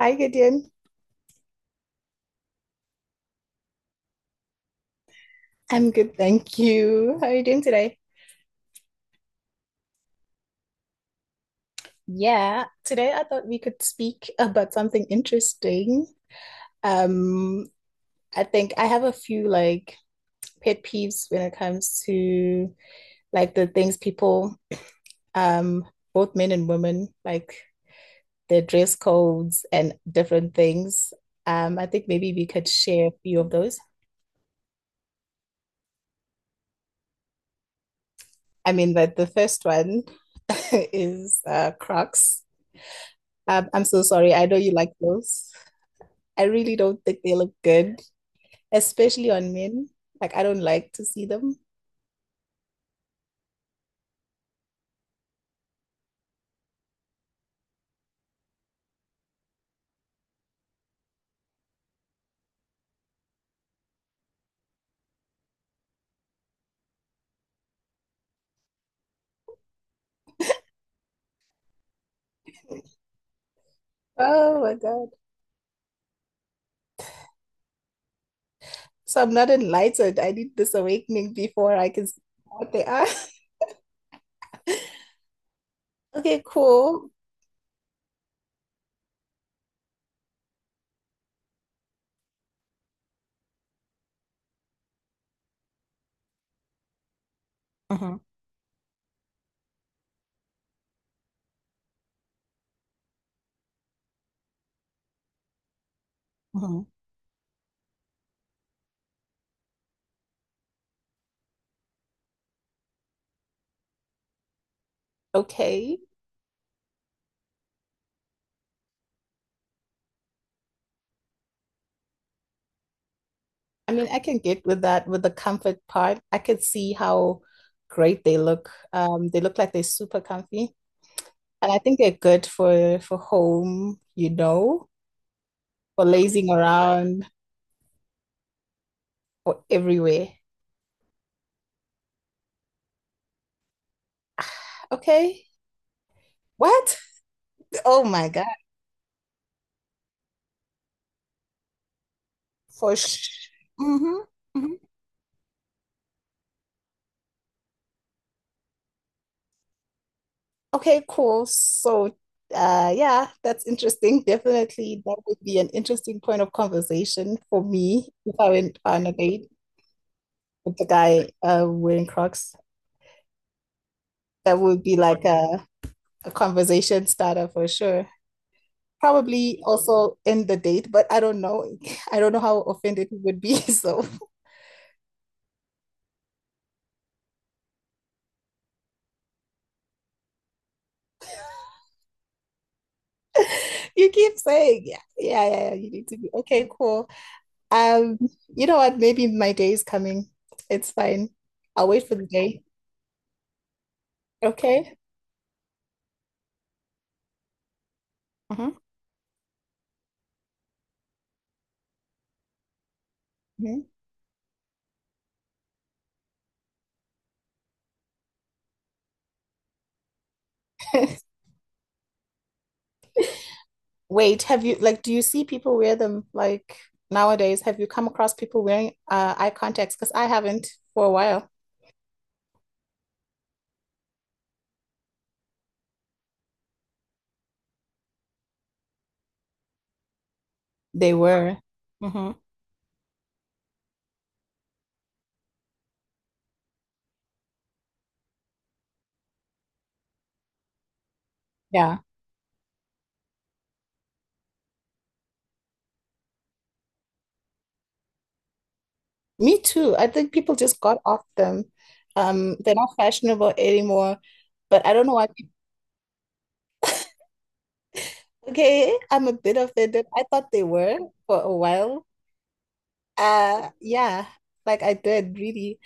Hi, Gideon. I'm good, thank you. How are you doing today? Yeah. Today, I thought we could speak about something interesting. Um, I think I have a few pet peeves when it comes to the things people, um, both men and women, like their dress codes and different things. I think maybe we could share a few of those. I mean, but the first one is Crocs. I'm so sorry. I know you like those. I really don't think they look good, especially on men. Like I don't like to see them. Oh my God. So I'm not enlightened. I need this awakening before I can see what they are. Okay, cool. Mhm, mhm. Okay. I mean, I can get with that with the comfort part. I could see how great they look. They look like they're super comfy, and I think they're good for home, for lazing around or everywhere. Okay. What? Oh my God. For sh hmm hmm Okay, cool. So, yeah, that's interesting. Definitely, that would be an interesting point of conversation for me if I went on a date with the guy wearing Crocs. That would be like a conversation starter for sure. Probably also end the date, but I don't know. I don't know how offended he would be. So you keep saying, yeah, yeah, yeah, yeah, you need to be okay, cool. Um, you know what? Maybe my day is coming. It's fine. I'll wait for the day. Okay. Uh-huh. Mhm. Wait, have you do you see people wear them like nowadays? Have you come across people wearing eye contacts? Because I haven't for a while. They were. Hmm. Yeah. Me too. I think people just got off them. They're not fashionable anymore. But I don't know why okay, I'm a bit offended. I thought they were for a while. Yeah, like I did really.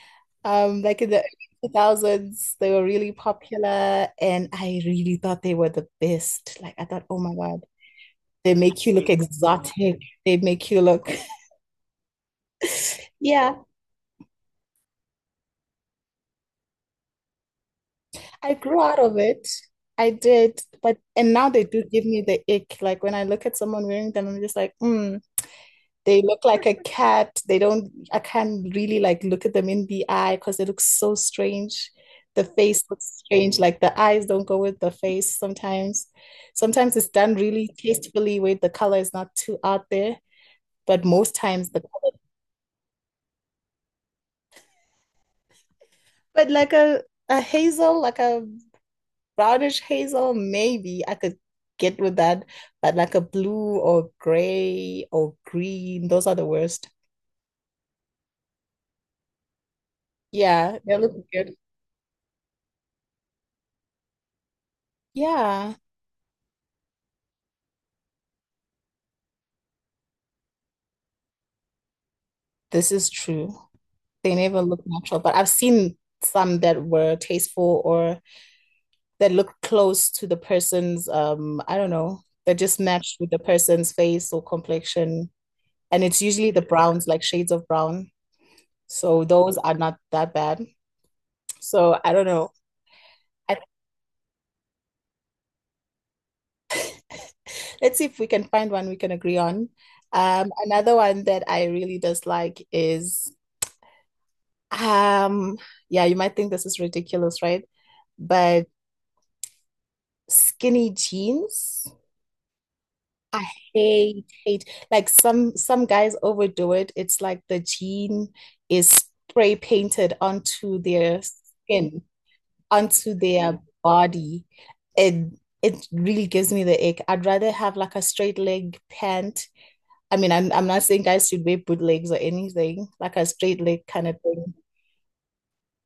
Like in the early 2000s, they were really popular and I really thought they were the best. Like I thought, oh my God, they make you look exotic. They make you look, yeah. I grew out of it. I did, but and now they do give me the ick. Like when I look at someone wearing them, I'm just like, mm, they look like a cat. They don't, I can't really like look at them in the eye because they look so strange. The face looks strange, like the eyes don't go with the face sometimes. Sometimes it's done really tastefully where the color is not too out there, but most times the but like a hazel, like a brownish hazel, maybe I could get with that, but like a blue or gray or green, those are the worst. Yeah, they look good. Yeah, this is true. They never look natural, but I've seen some that were tasteful or that look close to the person's, I don't know, that just matched with the person's face or complexion. And it's usually the browns, like shades of brown. So those are not that bad. So I don't know. I Let's see if we can find one we can agree on. Another one that I really dislike is, um, yeah, you might think this is ridiculous, right? But skinny jeans, I hate, hate. Like some guys overdo it. It's like the jean is spray painted onto their skin, onto their body. It it really gives me the ick. I'd rather have like a straight leg pant I mean, I'm not saying guys should wear bootlegs or anything, like a straight leg kind of thing.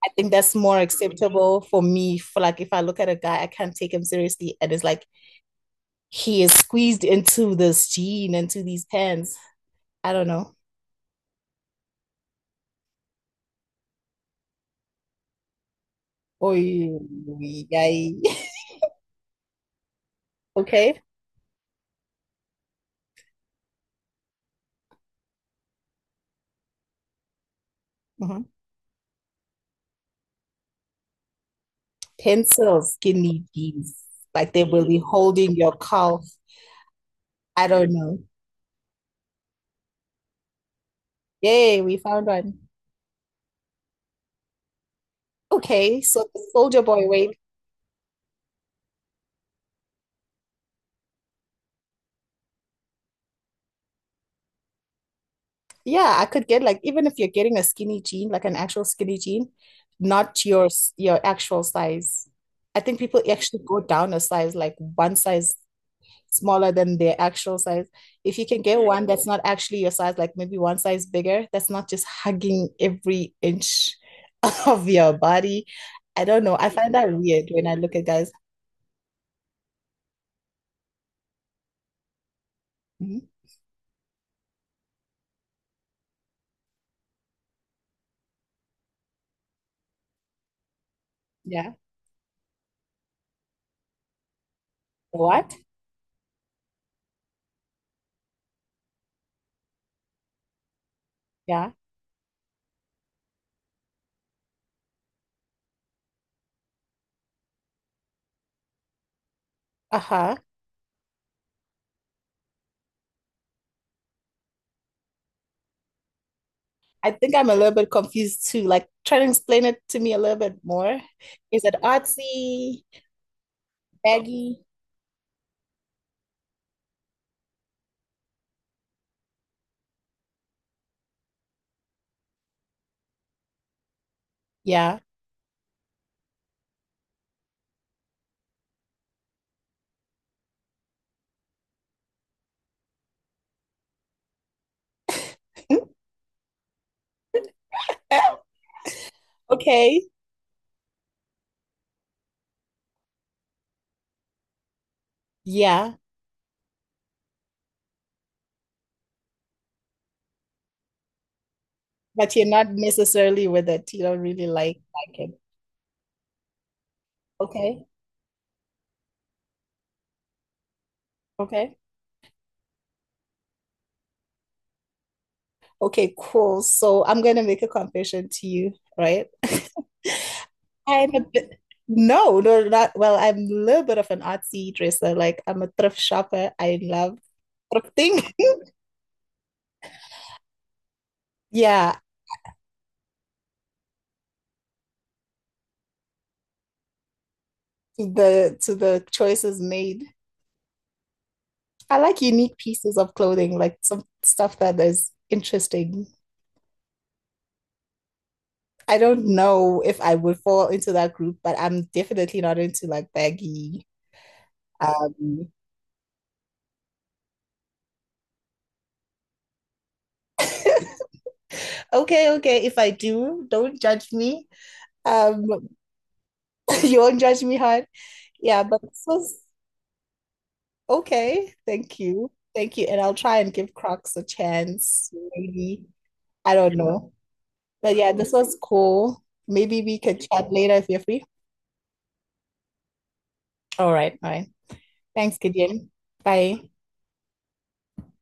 I think that's more acceptable for me. For like, if I look at a guy, I can't take him seriously, and it's like he is squeezed into this jean, into these pants. I don't know. Oh, yeah. Okay. Mhm. Pencils, skinny jeans, like they will be holding your calf. I don't know. Yay, we found one. Okay, so the soldier boy way Yeah, I could get like even if you're getting a skinny jean, like an actual skinny jean, not your s- your actual size. I think people actually go down a size, like one size smaller than their actual size. If you can get one that's not actually your size, like maybe one size bigger, that's not just hugging every inch of your body. I don't know. I find that weird when I look at guys. Mhm. Yeah. What? Yeah. Uh-huh. I think I'm a little bit confused too. Like, try to explain it to me a little bit more. Is it artsy, baggy? Yeah. Oh, Okay. Yeah. But you're not necessarily with it. You don't really like it. Okay. Okay. Okay, cool. So I'm gonna make a confession to you, right? I'm a bit no, not I'm a little bit of an artsy dresser. Like I'm a thrift shopper. I love thrifting. Yeah, to the choices made. I like unique pieces of clothing, like some stuff that is interesting. I don't know if I would fall into that group, but I'm definitely not into like baggy. Um, okay. If I do, don't judge me. Um, you won't judge me hard. Yeah, but this was okay. Thank you. Thank you. And I'll try and give Crocs a chance, maybe. I don't know. But yeah, this was cool. Maybe we could chat later if you're free. All right, all right. Thanks, Gideon. Bye.